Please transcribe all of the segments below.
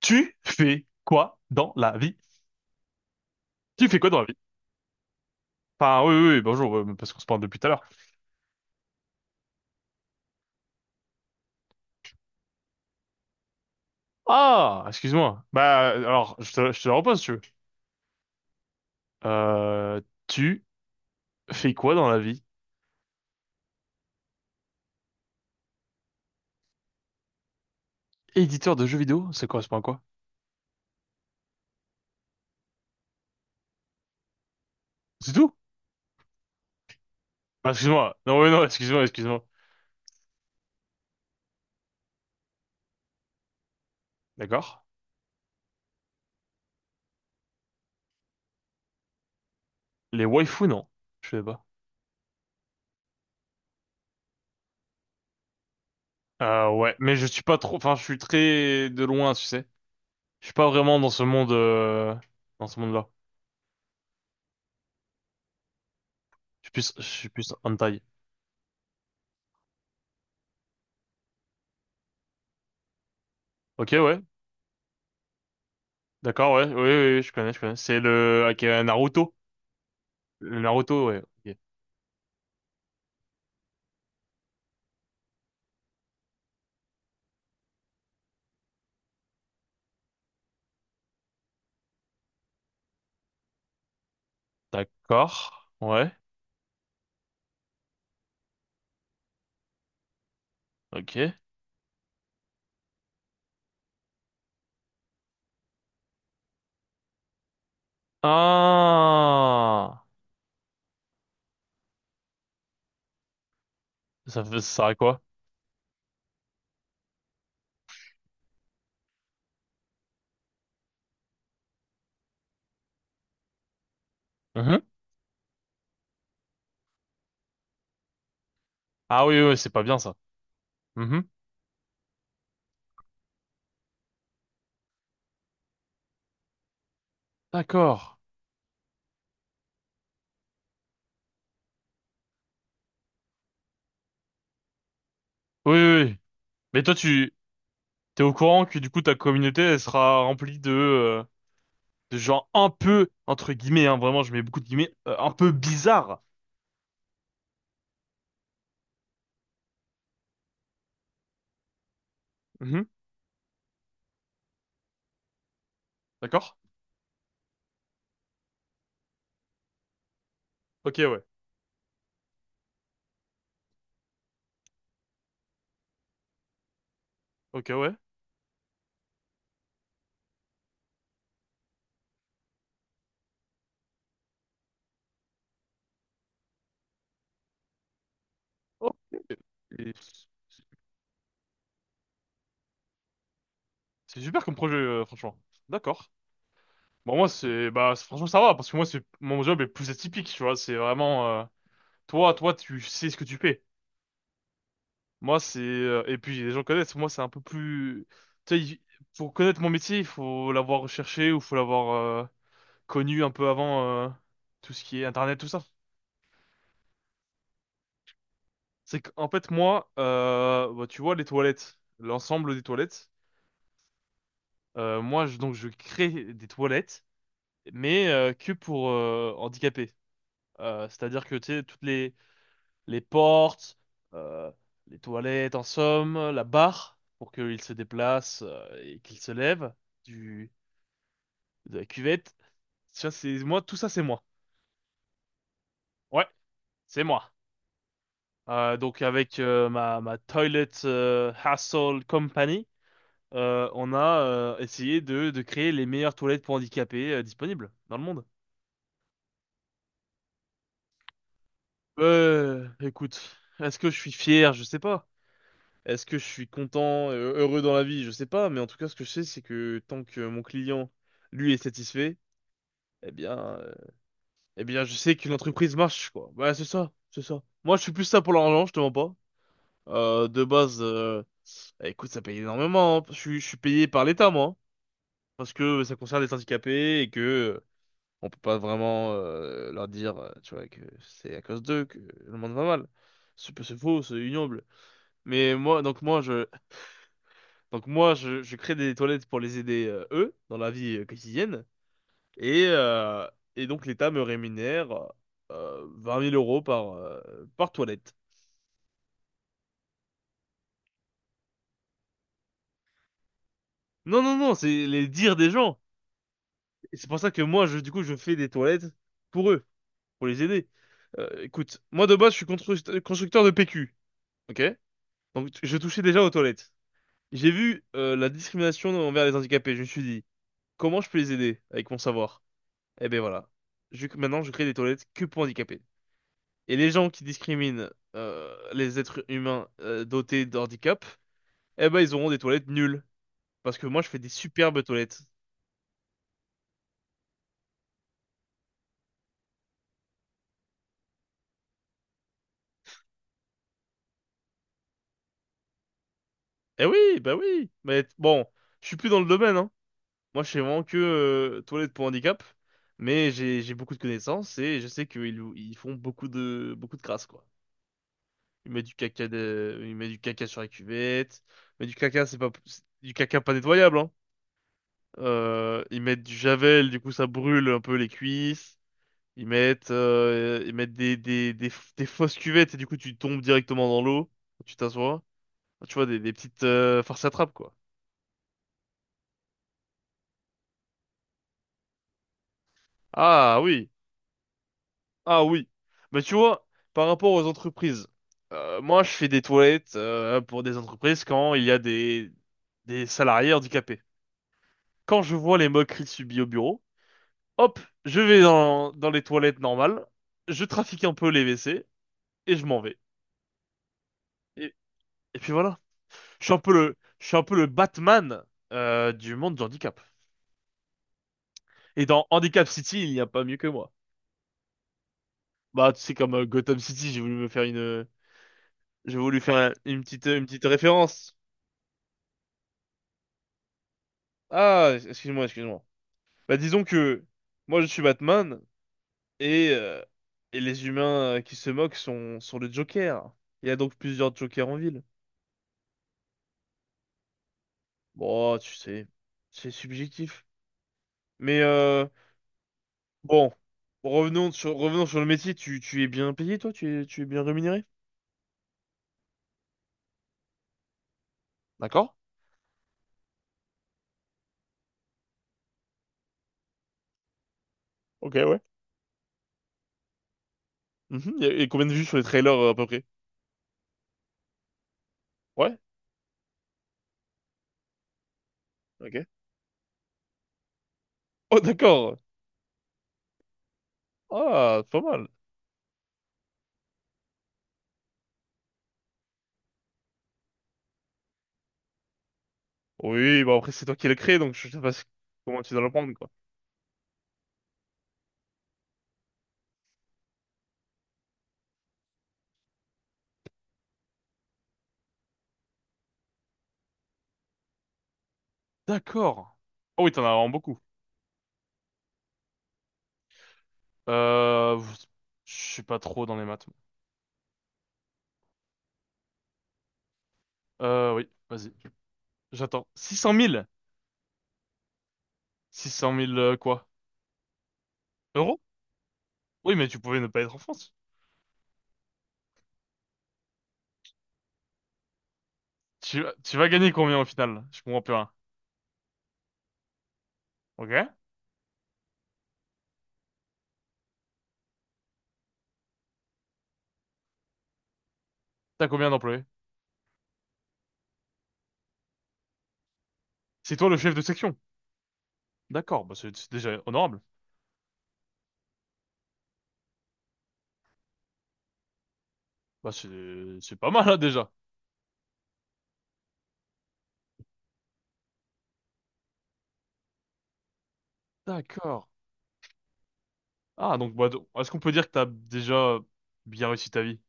Tu fais quoi dans la vie? Tu fais quoi dans la vie? Enfin, oui, oui, oui, bonjour, parce qu'on se parle depuis tout à l'heure. Ah, excuse-moi. Bah, alors, je te la repose, si tu veux. Euh, Tu fais quoi dans la vie? Éditeur de jeux vidéo, ça correspond à quoi? C'est tout? Ah, excuse-moi. Non, oui, non, excuse-moi, excuse-moi. D'accord. Les waifus, non. Je sais pas. Ouais, mais je suis pas trop, enfin, je suis très de loin, tu sais. Je suis pas vraiment dans ce monde, dans ce monde-là. Je suis plus hentai. Ok, ouais. D'accord, ouais, oui, oui, oui, je connais, je connais. C'est le avec Naruto. Le Naruto, ouais. Ok. D'accord, ouais, ok. Ah, ça fait ça à quoi? Mhm. Ah oui, oui, oui, c'est pas bien ça. Mhm. D'accord. Oui, oui, oui. Mais toi, tu t'es au courant que du coup ta communauté elle sera remplie de gens un peu entre guillemets, hein, vraiment, je mets beaucoup de guillemets, un peu bizarre. D'accord? Ok, ouais. Ok, ouais. Ok. Et- C'est super comme projet, franchement. D'accord. Bon, moi, c'est, bah, franchement, ça va, parce que moi, c'est, mon job est plus atypique, tu vois, c'est vraiment, toi, tu sais ce que tu fais. Moi, c'est, et puis, les gens connaissent, moi, c'est un peu plus, tu sais, pour connaître mon métier, il faut l'avoir recherché ou faut l'avoir, euh, connu un peu avant, tout ce qui est Internet, tout ça. C'est qu'en fait, moi, bah, tu vois, les toilettes, l'ensemble des toilettes, moi, je crée des toilettes, mais, que pour, handicapés. C'est-à-dire que, tu sais, toutes les portes, euh, les toilettes, en somme, la barre, pour qu'il se déplace et qu'il se lève du, de la cuvette. Ça, c'est moi, tout ça, c'est moi. Ouais, c'est moi. Donc, avec ma Toilet Hassle Company, on a essayé de créer les meilleures toilettes pour handicapés disponibles dans le monde. Écoute, est-ce que je suis fier? Je sais pas. Est-ce que je suis content, heureux dans la vie? Je sais pas, mais en tout cas, ce que je sais, c'est que tant que mon client, lui, est satisfait, eh bien, je sais que l'entreprise marche, quoi. Voilà, c'est ça, c'est ça. Moi, je suis plus ça pour l'argent, je te mens pas. De base, écoute, ça paye énormément, hein. Je suis payé par l'État, moi, hein, parce que ça concerne les handicapés et que on peut pas vraiment leur dire, tu vois, que c'est à cause d'eux que le monde va mal. C'est faux, c'est ignoble. Mais moi, donc moi, je, Donc moi, je crée des toilettes pour les aider, eux, dans la vie quotidienne. Et, euh, et donc l'État me rémunère 20 000 euros par toilette. Non, non, non, c'est les dires des gens. Et c'est pour ça que moi, je fais des toilettes pour eux, pour les aider. Écoute, moi de base, je suis constructeur de PQ, ok? Donc je touchais déjà aux toilettes. J'ai vu la discrimination envers les handicapés. Je me suis dit, comment je peux les aider avec mon savoir? Eh ben voilà. Maintenant, je crée des toilettes que pour handicapés. Et les gens qui discriminent les êtres humains dotés d'handicap, eh ben ils auront des toilettes nulles. Parce que moi je fais des superbes toilettes. Eh oui, bah oui. Mais bon, je suis plus dans le domaine, hein. Moi je fais vraiment que toilettes pour handicap, mais j'ai beaucoup de connaissances et je sais qu'ils font beaucoup de crasse quoi. Ils mettent du caca sur la cuvette, mais du caca c'est pas c'est du caca pas nettoyable, hein. Ils mettent du javel, du coup ça brûle un peu les cuisses. Ils mettent des fausses cuvettes et du coup tu tombes directement dans l'eau, tu t'assois. Tu vois, des petites farces à trappe, quoi. Ah oui, ah oui. Mais tu vois, par rapport aux entreprises, moi je fais des toilettes pour des entreprises quand il y a des salariés handicapés. Quand je vois les moqueries subies au bureau, hop, je vais dans les toilettes normales, je trafique un peu les WC et je m'en vais. Et, et puis voilà. Je suis un peu le Batman du monde du handicap. Et dans Handicap City, il n'y a pas mieux que moi. Bah, c'est comme Gotham City, j'ai voulu faire une petite référence. Ah, excuse-moi, excuse-moi. Bah, disons que moi, je suis Batman et, euh, et les humains qui se moquent sont le Joker. Il y a donc plusieurs Jokers en ville. Bon, tu sais, c'est subjectif. Mais bon, revenons sur le métier. Tu es bien payé, toi? Tu es bien rémunéré? D'accord. Ok, ouais. Mhm. Il combien de vues sur les trailers à peu près? Ouais? Ok. Oh, d'accord. Ah, c'est pas mal. Oui, bah après c'est toi qui l'as créé, donc je sais pas comment tu dois le prendre, quoi. D'accord. Oh oui, t'en as vraiment beaucoup. Euh, je suis pas trop dans les maths. Oui, vas-y. J'attends. 600 000? 600 000 quoi? Euros? Oui, mais tu pouvais ne pas être en France. Tu vas gagner combien au final? Je comprends plus rien. Ok. T'as combien d'employés? C'est toi le chef de section. D'accord, bah c'est déjà honorable. Bah c'est pas mal là déjà. D'accord. Ah, donc, bah, donc, est-ce qu'on peut dire que t'as déjà bien réussi ta vie,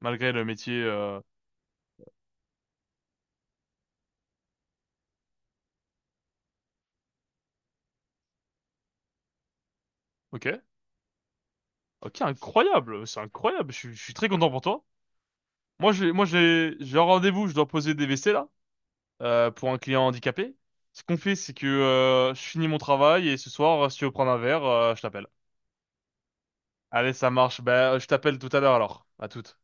malgré le métier, Ok. Ok, incroyable. C'est incroyable. Je suis très content pour toi. Moi, j'ai un rendez-vous. Je dois poser des WC, là, pour un client handicapé. Ce qu'on fait, c'est que, je finis mon travail et ce soir, si tu veux prendre un verre, je t'appelle. Allez, ça marche. Bah, je t'appelle tout à l'heure, alors. À toute.